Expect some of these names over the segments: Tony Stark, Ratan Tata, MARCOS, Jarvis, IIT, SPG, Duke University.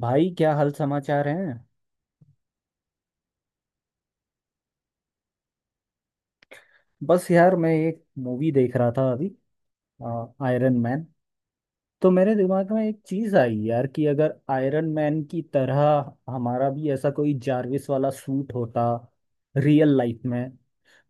भाई, क्या हाल समाचार हैं। बस यार, मैं एक मूवी देख रहा था अभी। Iron man. तो मेरे दिमाग में एक चीज आई यार कि अगर आयरन मैन की तरह हमारा भी ऐसा कोई जारविस वाला सूट होता रियल लाइफ में।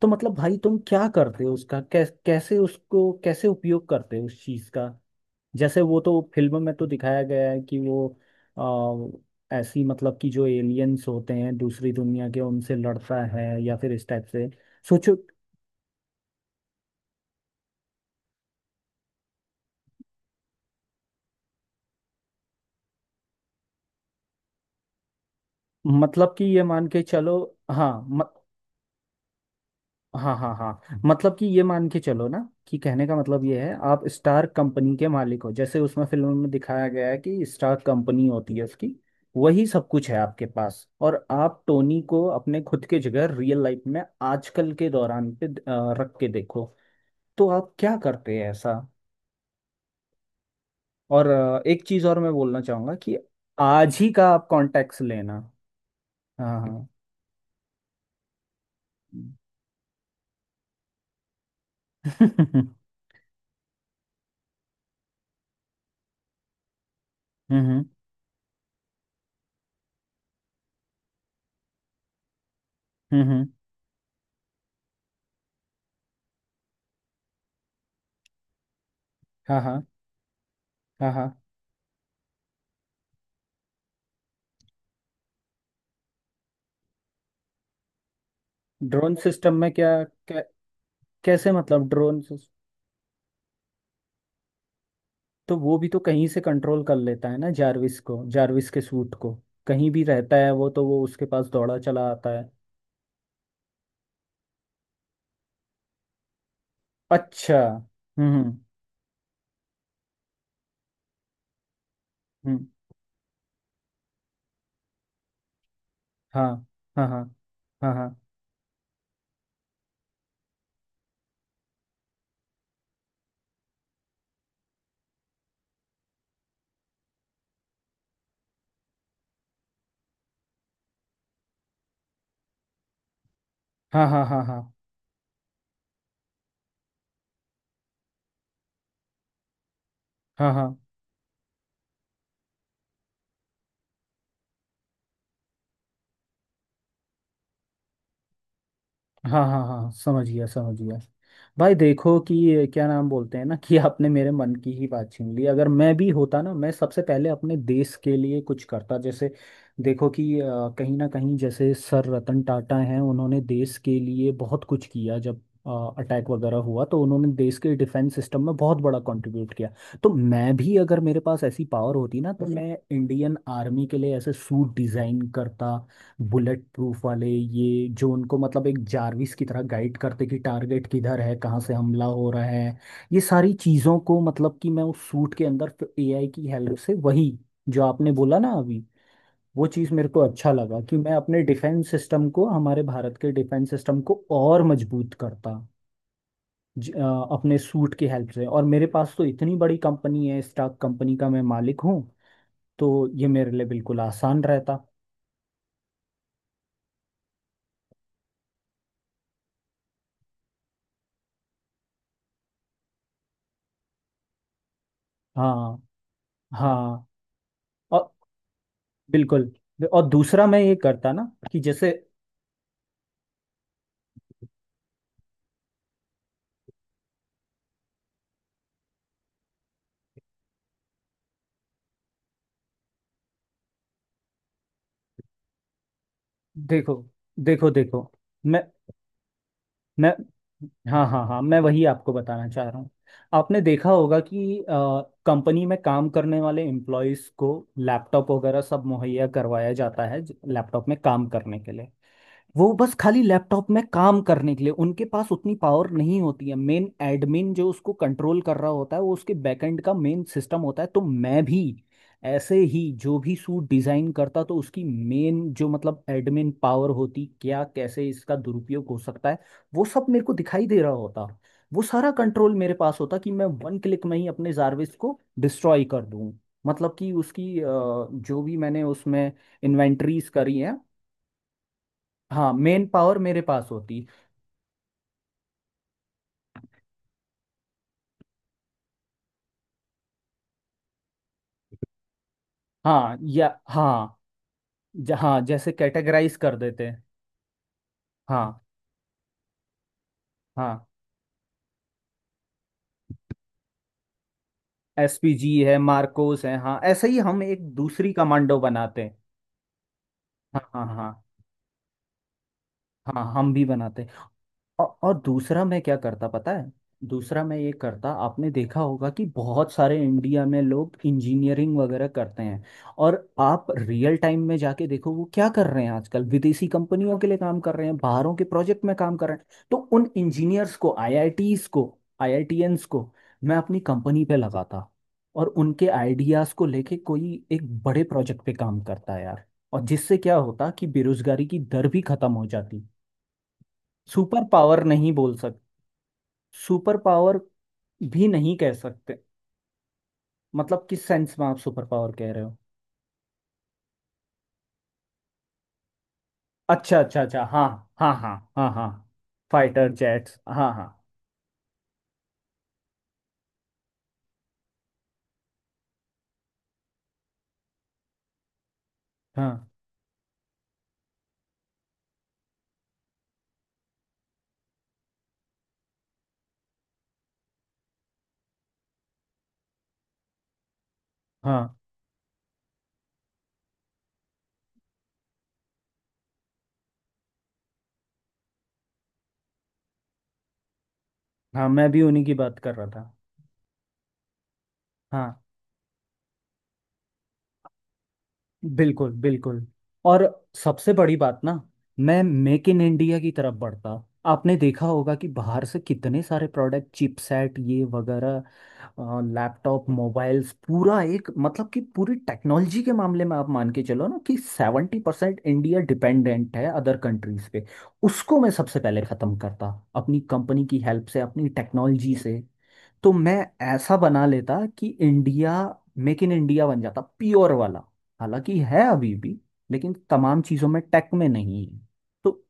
तो मतलब भाई, तुम क्या करते हो उसका कैसे उसको कैसे उपयोग करते हो उस चीज का? जैसे वो तो फिल्म में तो दिखाया गया है कि वो ऐसी मतलब कि जो एलियंस होते हैं दूसरी दुनिया के उनसे लड़ता है या फिर इस टाइप से। सोचो। मतलब कि ये मान के चलो। हाँ, हाँ हाँ हाँ मतलब कि ये मान के चलो ना कि कहने का मतलब ये है, आप स्टार कंपनी के मालिक हो। जैसे उसमें फिल्म में दिखाया गया है कि स्टार कंपनी होती है उसकी, वही सब कुछ है आपके पास। और आप टोनी को अपने खुद के जगह रियल लाइफ में आजकल के दौरान पे रख के देखो। तो आप क्या करते हैं ऐसा? और एक चीज और मैं बोलना चाहूंगा कि आज ही का आप कॉन्टेक्ट लेना। हाँ हाँ। हम्म। हम्म। हम्म, हम्म। हाँ हाँ हाँ हाँ। ड्रोन सिस्टम में क्या, क्या? कैसे मतलब ड्रोन तो वो भी तो कहीं से कंट्रोल कर लेता है ना जारविस को, जारविस के सूट को। कहीं भी रहता है वो, तो वो उसके पास दौड़ा चला आता है। अच्छा। हम्म। हम्म। हाँ हाँ हाँ हाँ। हाँ हाँ हाँ हाँ। हाँ हाँ हाँ हाँ। हाँ हाँ, समझ गया समझ गया। भाई देखो कि ये क्या नाम बोलते हैं ना कि आपने मेरे मन की ही बात छीन ली। अगर मैं भी होता ना, मैं सबसे पहले अपने देश के लिए कुछ करता। जैसे देखो कि कहीं ना कहीं जैसे सर रतन टाटा हैं, उन्होंने देश के लिए बहुत कुछ किया। जब अटैक वगैरह हुआ तो उन्होंने देश के डिफेंस सिस्टम में बहुत बड़ा कंट्रीब्यूट किया। तो मैं भी अगर मेरे पास ऐसी पावर होती ना, तो मैं इंडियन आर्मी के लिए ऐसे सूट डिज़ाइन करता। बुलेट प्रूफ वाले, ये जो उनको मतलब एक जारविस की तरह गाइड करते कि टारगेट किधर है, कहाँ से हमला हो रहा है, ये सारी चीज़ों को। मतलब कि मैं उस सूट के अंदर एआई की हेल्प से वही जो आपने बोला ना अभी, वो चीज़ मेरे को अच्छा लगा कि मैं अपने डिफेंस सिस्टम को, हमारे भारत के डिफेंस सिस्टम को और मजबूत करता अपने सूट की हेल्प से। और मेरे पास तो इतनी बड़ी कंपनी है, स्टॉक कंपनी का मैं मालिक हूँ। तो ये मेरे लिए बिल्कुल आसान रहता। हाँ हाँ, बिल्कुल। और दूसरा मैं ये करता ना, कि जैसे देखो देखो देखो, मैं मैं हाँ हाँ हाँ, मैं वही आपको बताना चाह रहा हूँ। आपने देखा होगा कि कंपनी में काम करने वाले एम्प्लॉयज़ को लैपटॉप वगैरह सब मुहैया करवाया जाता है, लैपटॉप में काम करने के लिए। वो बस खाली लैपटॉप में काम करने के लिए, उनके पास उतनी पावर नहीं होती है। मेन एडमिन जो उसको कंट्रोल कर रहा होता है, वो उसके बैकएंड का मेन सिस्टम होता है। तो मैं भी ऐसे ही जो भी सूट डिजाइन करता, तो उसकी मेन जो मतलब एडमिन पावर होती, क्या कैसे इसका दुरुपयोग हो सकता है वो सब मेरे को दिखाई दे रहा होता। वो सारा कंट्रोल मेरे पास होता कि मैं वन क्लिक में ही अपने जारविस को डिस्ट्रॉय कर दूं। मतलब कि उसकी जो भी मैंने उसमें इन्वेंट्रीज करी हैं। हाँ, मेन पावर मेरे पास होती। हाँ या हाँ। हाँ, जैसे कैटेगराइज कर देते हैं। हाँ हाँ। एसपीजी है, मार्कोस है, हाँ ऐसे ही हम एक दूसरी कमांडो बनाते हैं। हाँ हाँ हाँ हाँ। हम भी बनाते हैं। और दूसरा मैं क्या करता पता है? दूसरा मैं ये करता, आपने देखा होगा कि बहुत सारे इंडिया में लोग इंजीनियरिंग वगैरह करते हैं। और आप रियल टाइम में जाके देखो वो क्या कर रहे हैं आजकल। विदेशी कंपनियों के लिए काम कर रहे हैं, बाहरों के प्रोजेक्ट में काम कर रहे हैं। तो उन इंजीनियर्स को, आईआईटीज को, आईआईटीएंस को मैं अपनी कंपनी पे लगाता, और उनके आइडियाज को लेके कोई एक बड़े प्रोजेक्ट पे काम करता यार। और जिससे क्या होता कि बेरोजगारी की दर भी खत्म हो जाती। सुपर पावर नहीं बोल सकते। सुपर पावर भी नहीं कह सकते। मतलब किस सेंस में आप सुपर पावर कह रहे हो? अच्छा अच्छा अच्छा, हाँ। हाँ हाँ हाँ हाँ। फाइटर जेट्स, हाँ हाँ। हाँ हाँ हाँ मैं भी उन्हीं की बात कर रहा था। हाँ बिल्कुल बिल्कुल। और सबसे बड़ी बात ना, मैं मेक इन इंडिया की तरफ बढ़ता। आपने देखा होगा कि बाहर से कितने सारे प्रोडक्ट, चिपसेट, ये वगैरह, लैपटॉप, मोबाइल्स, पूरा एक मतलब कि पूरी टेक्नोलॉजी के मामले में आप मान के चलो ना कि 70% इंडिया डिपेंडेंट है अदर कंट्रीज पे। उसको मैं सबसे पहले ख़त्म करता, अपनी कंपनी की हेल्प से, अपनी टेक्नोलॉजी से। तो मैं ऐसा बना लेता कि इंडिया मेक इन इंडिया बन जाता प्योर वाला। हालांकि है अभी भी, लेकिन तमाम चीज़ों में, टेक में नहीं है। तो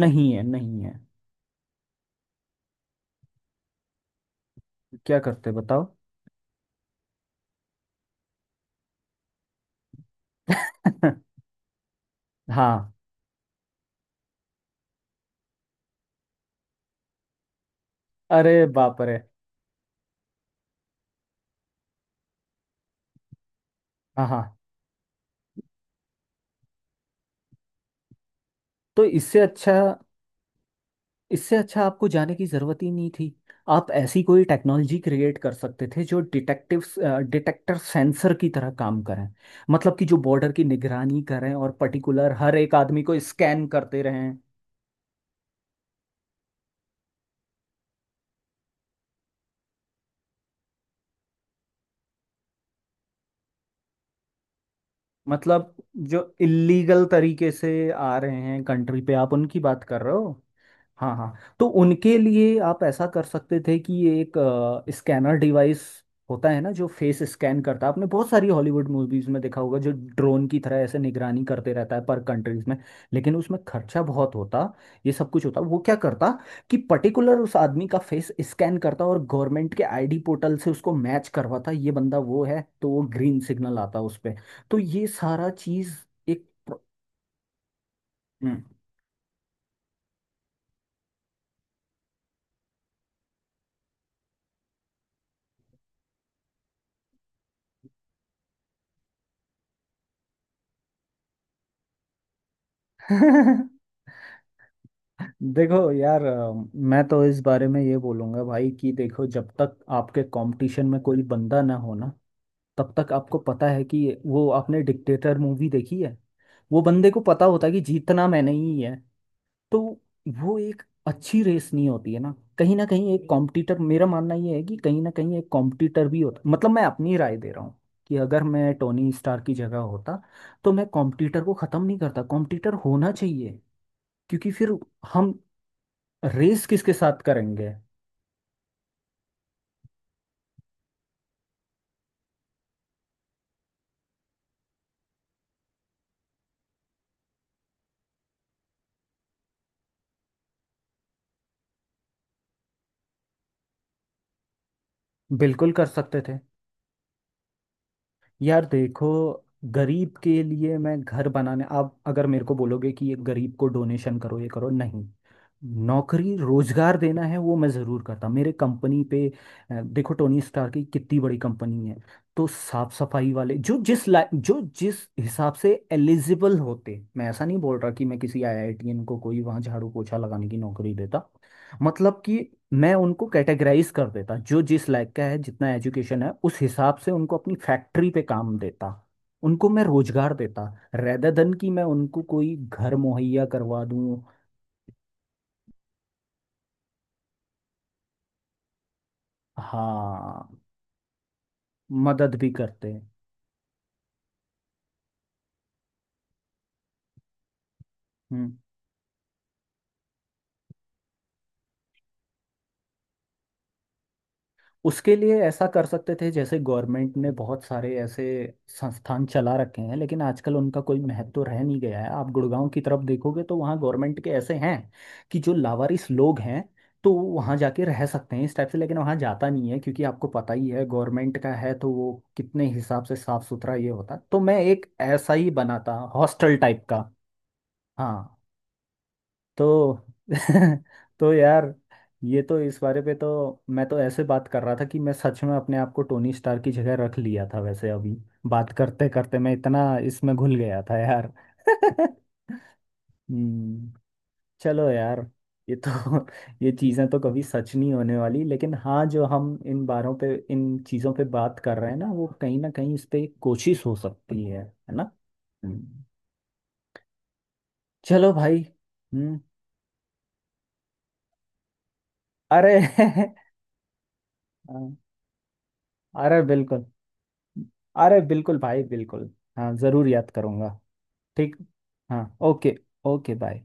नहीं है, नहीं है। क्या करते, बताओ? हाँ। अरे बाप रे। हाँ हाँ, तो इससे अच्छा, इससे अच्छा आपको जाने की ज़रूरत ही नहीं थी। आप ऐसी कोई टेक्नोलॉजी क्रिएट कर सकते थे जो डिटेक्टिव्स, डिटेक्टर सेंसर की तरह काम करें। मतलब कि जो बॉर्डर की निगरानी करें और पर्टिकुलर हर एक आदमी को स्कैन करते रहें। मतलब जो इल्लीगल तरीके से आ रहे हैं कंट्री पे, आप उनकी बात कर रहे हो? हाँ हाँ। तो उनके लिए आप ऐसा कर सकते थे कि ये एक स्कैनर डिवाइस होता है ना, जो फेस स्कैन करता है। आपने बहुत सारी हॉलीवुड मूवीज में देखा होगा, जो ड्रोन की तरह ऐसे निगरानी करते रहता है पर कंट्रीज में। लेकिन उसमें खर्चा बहुत होता, ये सब कुछ होता। वो क्या करता कि पर्टिकुलर उस आदमी का फेस स्कैन करता और गवर्नमेंट के आईडी पोर्टल से उसको मैच करवाता, ये बंदा वो है तो वो ग्रीन सिग्नल आता उस पर। तो ये सारा चीज़। एक प्र- हम्म। देखो यार, मैं तो इस बारे में ये बोलूंगा भाई कि देखो, जब तक आपके कंपटीशन में कोई बंदा ना हो ना, तब तक आपको पता है कि, वो आपने डिक्टेटर मूवी देखी है, वो बंदे को पता होता है कि जीतना मैंने ही है। तो वो एक अच्छी रेस नहीं होती है ना। कहीं ना कहीं एक कॉम्पिटिटर, मेरा मानना ये है कि कहीं ना कहीं एक कॉम्पिटिटर भी होता। मतलब मैं अपनी राय दे रहा हूँ कि अगर मैं टोनी स्टार की जगह होता, तो मैं कॉम्पिटिटर को ख़त्म नहीं करता, कॉम्पिटिटर होना चाहिए। क्योंकि फिर हम रेस किसके साथ करेंगे? बिल्कुल कर सकते थे। यार देखो, गरीब के लिए मैं घर बनाने, आप अगर मेरे को बोलोगे कि ये गरीब को डोनेशन करो ये करो, नहीं। नौकरी, रोजगार देना है, वो मैं ज़रूर करता मेरे कंपनी पे। देखो टोनी स्टार की कितनी बड़ी कंपनी है। तो साफ सफाई वाले जो जिस ला जो जिस हिसाब से एलिजिबल होते, मैं ऐसा नहीं बोल रहा कि मैं किसी आईआईटीएन को कोई वहाँ झाड़ू पोछा लगाने की नौकरी देता। मतलब कि मैं उनको कैटेगराइज कर देता, जो जिस लायक का है, जितना एजुकेशन है उस हिसाब से उनको अपनी फैक्ट्री पे काम देता। उनको मैं रोजगार देता, रेदर देन कि मैं उनको कोई घर मुहैया करवा दूं। हाँ, मदद भी करते हैं। हम्म। उसके लिए ऐसा कर सकते थे जैसे गवर्नमेंट ने बहुत सारे ऐसे संस्थान चला रखे हैं, लेकिन आजकल उनका कोई महत्व रह नहीं गया है। आप गुड़गांव की तरफ देखोगे तो वहाँ गवर्नमेंट के ऐसे हैं कि जो लावारिस लोग हैं, तो वो वहाँ जाके रह सकते हैं इस टाइप से। लेकिन वहाँ जाता नहीं है, क्योंकि आपको पता ही है गवर्नमेंट का है तो वो कितने हिसाब से साफ सुथरा ये होता। तो मैं एक ऐसा ही बनाता हॉस्टल टाइप का। हाँ, तो तो यार, ये तो इस बारे पे तो, मैं तो ऐसे बात कर रहा था कि मैं सच में अपने आप को टोनी स्टार की जगह रख लिया था वैसे अभी। बात करते करते मैं इतना इसमें घुल गया था यार। हम्म। चलो यार, ये तो ये चीज़ें तो कभी सच नहीं होने वाली, लेकिन हाँ, जो हम इन बारों पे, इन चीज़ों पे बात कर रहे हैं ना, वो कहीं ना कहीं इस पे एक कोशिश हो सकती है ना। हम्म। चलो भाई। हम्म। अरे हाँ, अरे बिल्कुल, अरे बिल्कुल भाई बिल्कुल। हाँ, ज़रूर याद करूँगा। ठीक। हाँ ओके। Okay, bye.